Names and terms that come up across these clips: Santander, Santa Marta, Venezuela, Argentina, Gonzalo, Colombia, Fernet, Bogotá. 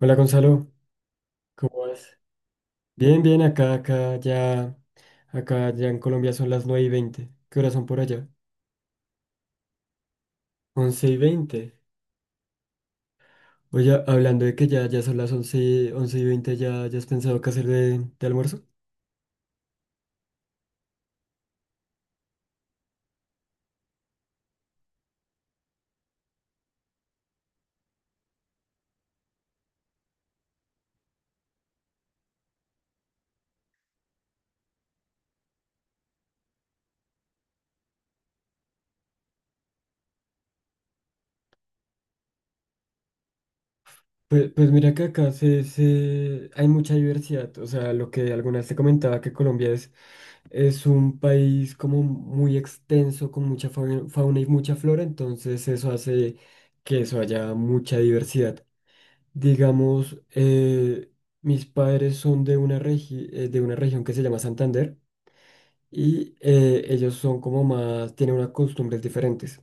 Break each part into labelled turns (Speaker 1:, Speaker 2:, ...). Speaker 1: Hola Gonzalo, ¿cómo vas? Bien, bien, acá ya en Colombia son las 9:20. ¿Qué horas son por allá? 11:20. Oye, hablando de que ya son 11 y veinte. ¿Ya has pensado qué hacer de almuerzo? Pues mira que acá hay mucha diversidad. O sea, lo que algunas te comentaba que Colombia es un país como muy extenso, con mucha fauna y mucha flora, entonces eso hace que eso haya mucha diversidad. Digamos, mis padres son de una región que se llama Santander, y ellos son como más, tienen unas costumbres diferentes.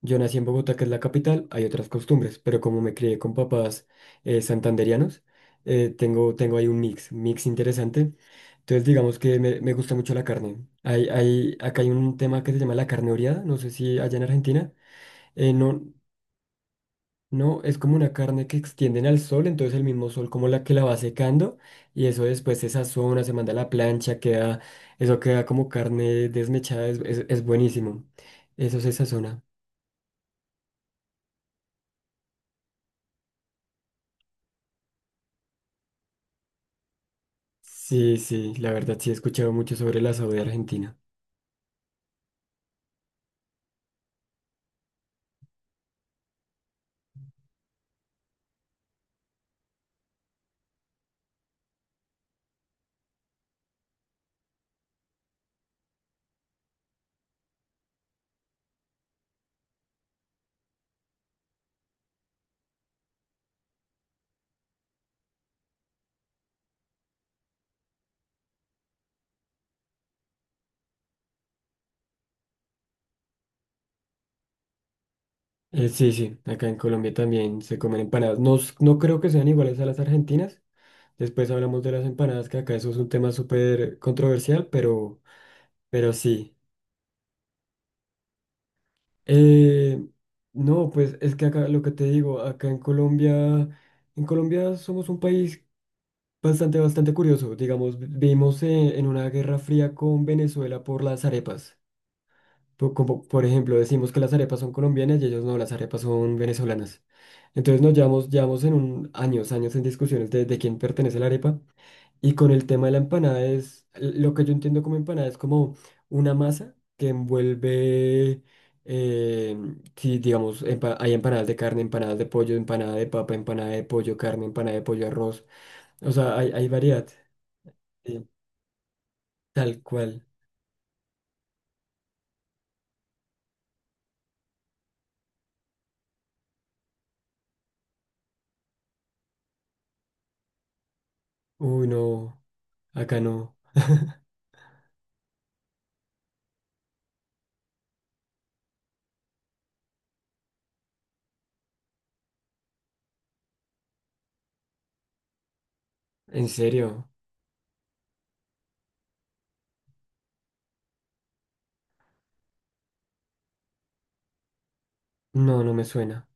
Speaker 1: Yo nací en Bogotá, que es la capital, hay otras costumbres, pero como me crié con papás santanderianos, tengo ahí un mix interesante. Entonces, digamos que me gusta mucho la carne. Acá hay un tema que se llama la carne oreada, no sé si allá en Argentina. No, no, es como una carne que extienden al sol, entonces el mismo sol como la que la va secando, y eso después se sazona, se manda a la plancha, eso queda como carne desmechada, es buenísimo. Eso se sazona. Sí, sí, la verdad sí he escuchado mucho sobre el asado de Argentina. Sí, sí, acá en Colombia también se comen empanadas. No, no creo que sean iguales a las argentinas. Después hablamos de las empanadas, que acá eso es un tema súper controversial, pero, sí. Eh, no, pues es que acá lo que te digo, acá en Colombia somos un país bastante curioso. Digamos, vivimos en una guerra fría con Venezuela por las arepas. Como, por ejemplo, decimos que las arepas son colombianas y ellos no, las arepas son venezolanas. Entonces nos llevamos años en discusiones de quién pertenece la arepa. Y con el tema de la empanada es, lo que yo entiendo como empanada es como una masa que envuelve, eh, si digamos, hay empanadas de carne, empanadas de pollo, empanada de papa, empanada de pollo, carne, empanada de pollo, arroz. O sea, hay variedad. Sí, tal cual. Uy, no, acá no. ¿En serio? No, no me suena.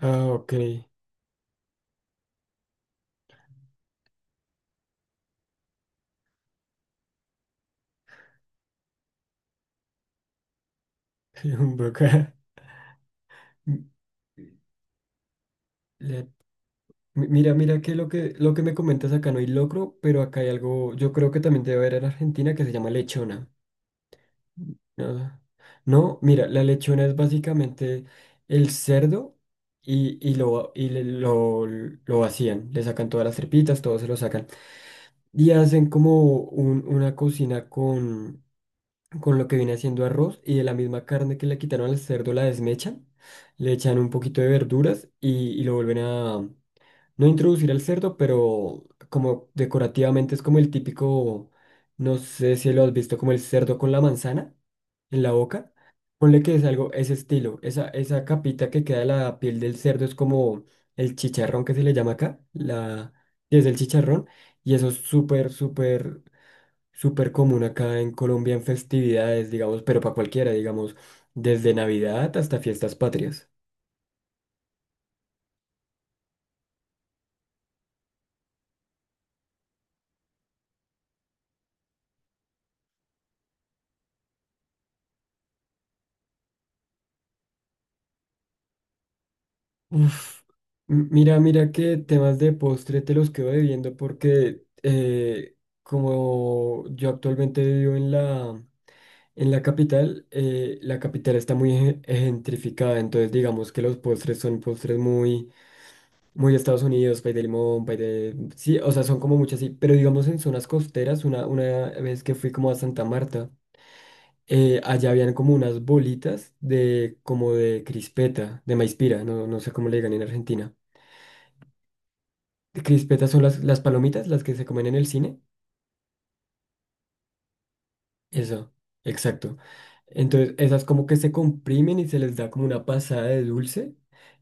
Speaker 1: Ah, ok. Un boca. Mira que lo que me comentas acá no hay locro, pero acá hay algo, yo creo que también debe haber en Argentina que se llama lechona. No, no, mira, la lechona es básicamente el cerdo, y lo vacían, le sacan todas las tripitas, todo se lo sacan. Y hacen como una cocina con lo que viene haciendo arroz, y de la misma carne que le quitaron al cerdo la desmechan, le echan un poquito de verduras, y lo vuelven a no introducir al cerdo, pero como decorativamente es como el típico, no sé si lo has visto, como el cerdo con la manzana en la boca. Ponle que es algo, ese estilo, esa capita que queda de la piel del cerdo es como el chicharrón que se le llama acá, sí, es el chicharrón, y eso es súper, súper, súper común acá en Colombia en festividades, digamos, pero para cualquiera, digamos, desde Navidad hasta fiestas patrias. Uf, mira que temas de postre te los quedo debiendo porque como yo actualmente vivo en la capital, la capital está muy gentrificada, entonces digamos que los postres son postres muy, muy Estados Unidos, pay de limón, pay de... Sí, o sea, son como muchas, sí, pero digamos en zonas costeras, una vez que fui como a Santa Marta, allá habían como unas bolitas de como de crispeta, de maíz pira, no, no sé cómo le digan en Argentina. Crispetas son las palomitas, las que se comen en el cine. Eso, exacto. Entonces, esas como que se comprimen y se les da como una pasada de dulce,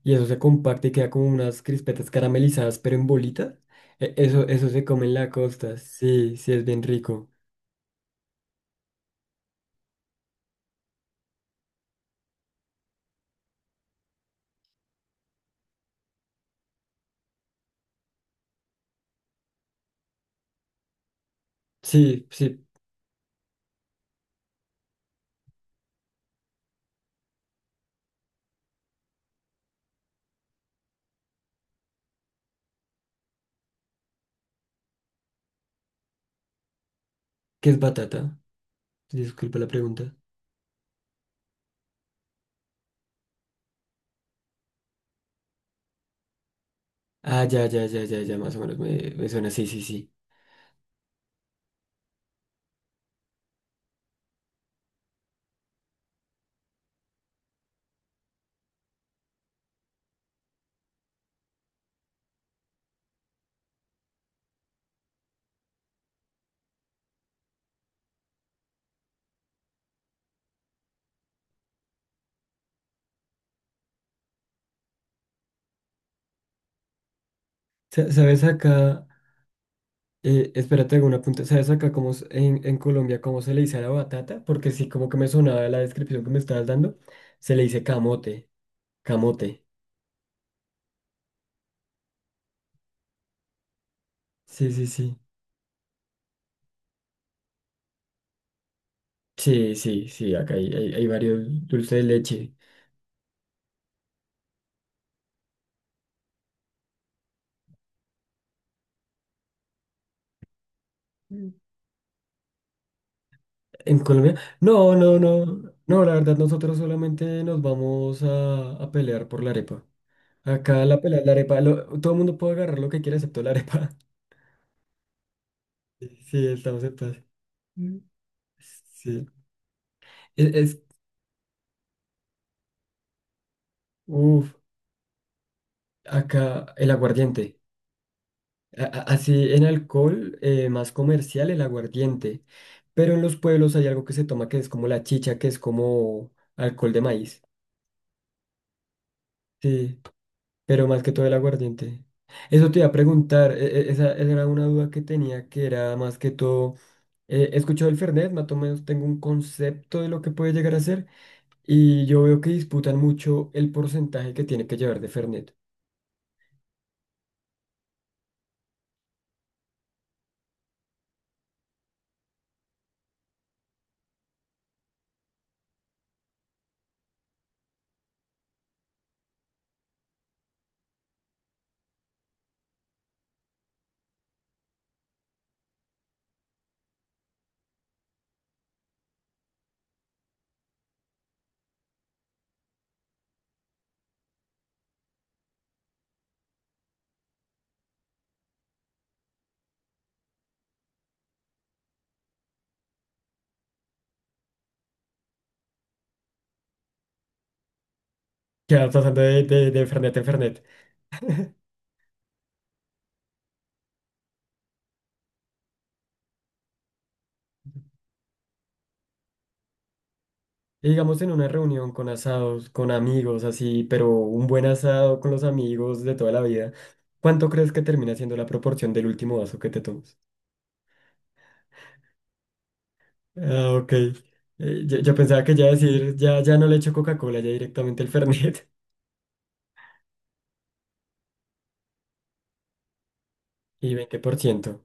Speaker 1: y eso se comparte y queda como unas crispetas caramelizadas pero en bolitas. Eso se come en la costa. Sí, sí, es bien rico. Sí, sí, ¿qué es batata? Disculpa la pregunta. Ah, ya, ya, ya, ya, ya, más o menos me suena. Sí, sí, sí. ¿Sabes acá? Espérate, hago un apunte. ¿Sabes acá cómo en Colombia cómo se le dice a la batata? Porque sí, como que me sonaba la descripción que me estabas dando. Se le dice camote. Camote. Sí, sí, sí. Sí, sí, sí. Acá hay varios dulces de leche. Mm. En Colombia. No, no, no. No, la verdad, nosotros solamente nos vamos a pelear por la arepa. Acá la pelea es la arepa. Todo el mundo puede agarrar lo que quiera excepto la arepa. Sí, estamos en paz. Mm. Sí. Es, es, uf. Acá el aguardiente. Así en alcohol más comercial el aguardiente. Pero en los pueblos hay algo que se toma que es como la chicha, que es como alcohol de maíz. Sí, pero más que todo el aguardiente. Eso te iba a preguntar, esa era una duda que tenía, que era más que todo, he escuchado el Fernet, más o menos tengo un concepto de lo que puede llegar a ser, y yo veo que disputan mucho el porcentaje que tiene que llevar de Fernet. Quedas pasando de Fernet en Fernet. Y digamos en una reunión con asados, con amigos, así, pero un buen asado con los amigos de toda la vida, ¿cuánto crees que termina siendo la proporción del último vaso que te tomas? Ah, ok. Yo pensaba que ya no le echo Coca-Cola, ya directamente el Fernet. ¿Y 20%?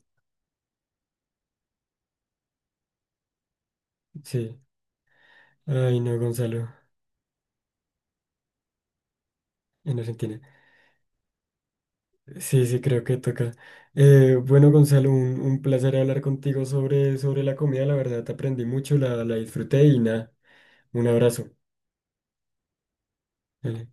Speaker 1: Sí. Ay, no, Gonzalo, en Argentina. Sí, sí, creo que toca. Bueno, Gonzalo, un placer hablar contigo sobre la comida. La verdad, aprendí mucho, la disfruté y nada, un abrazo. Dale.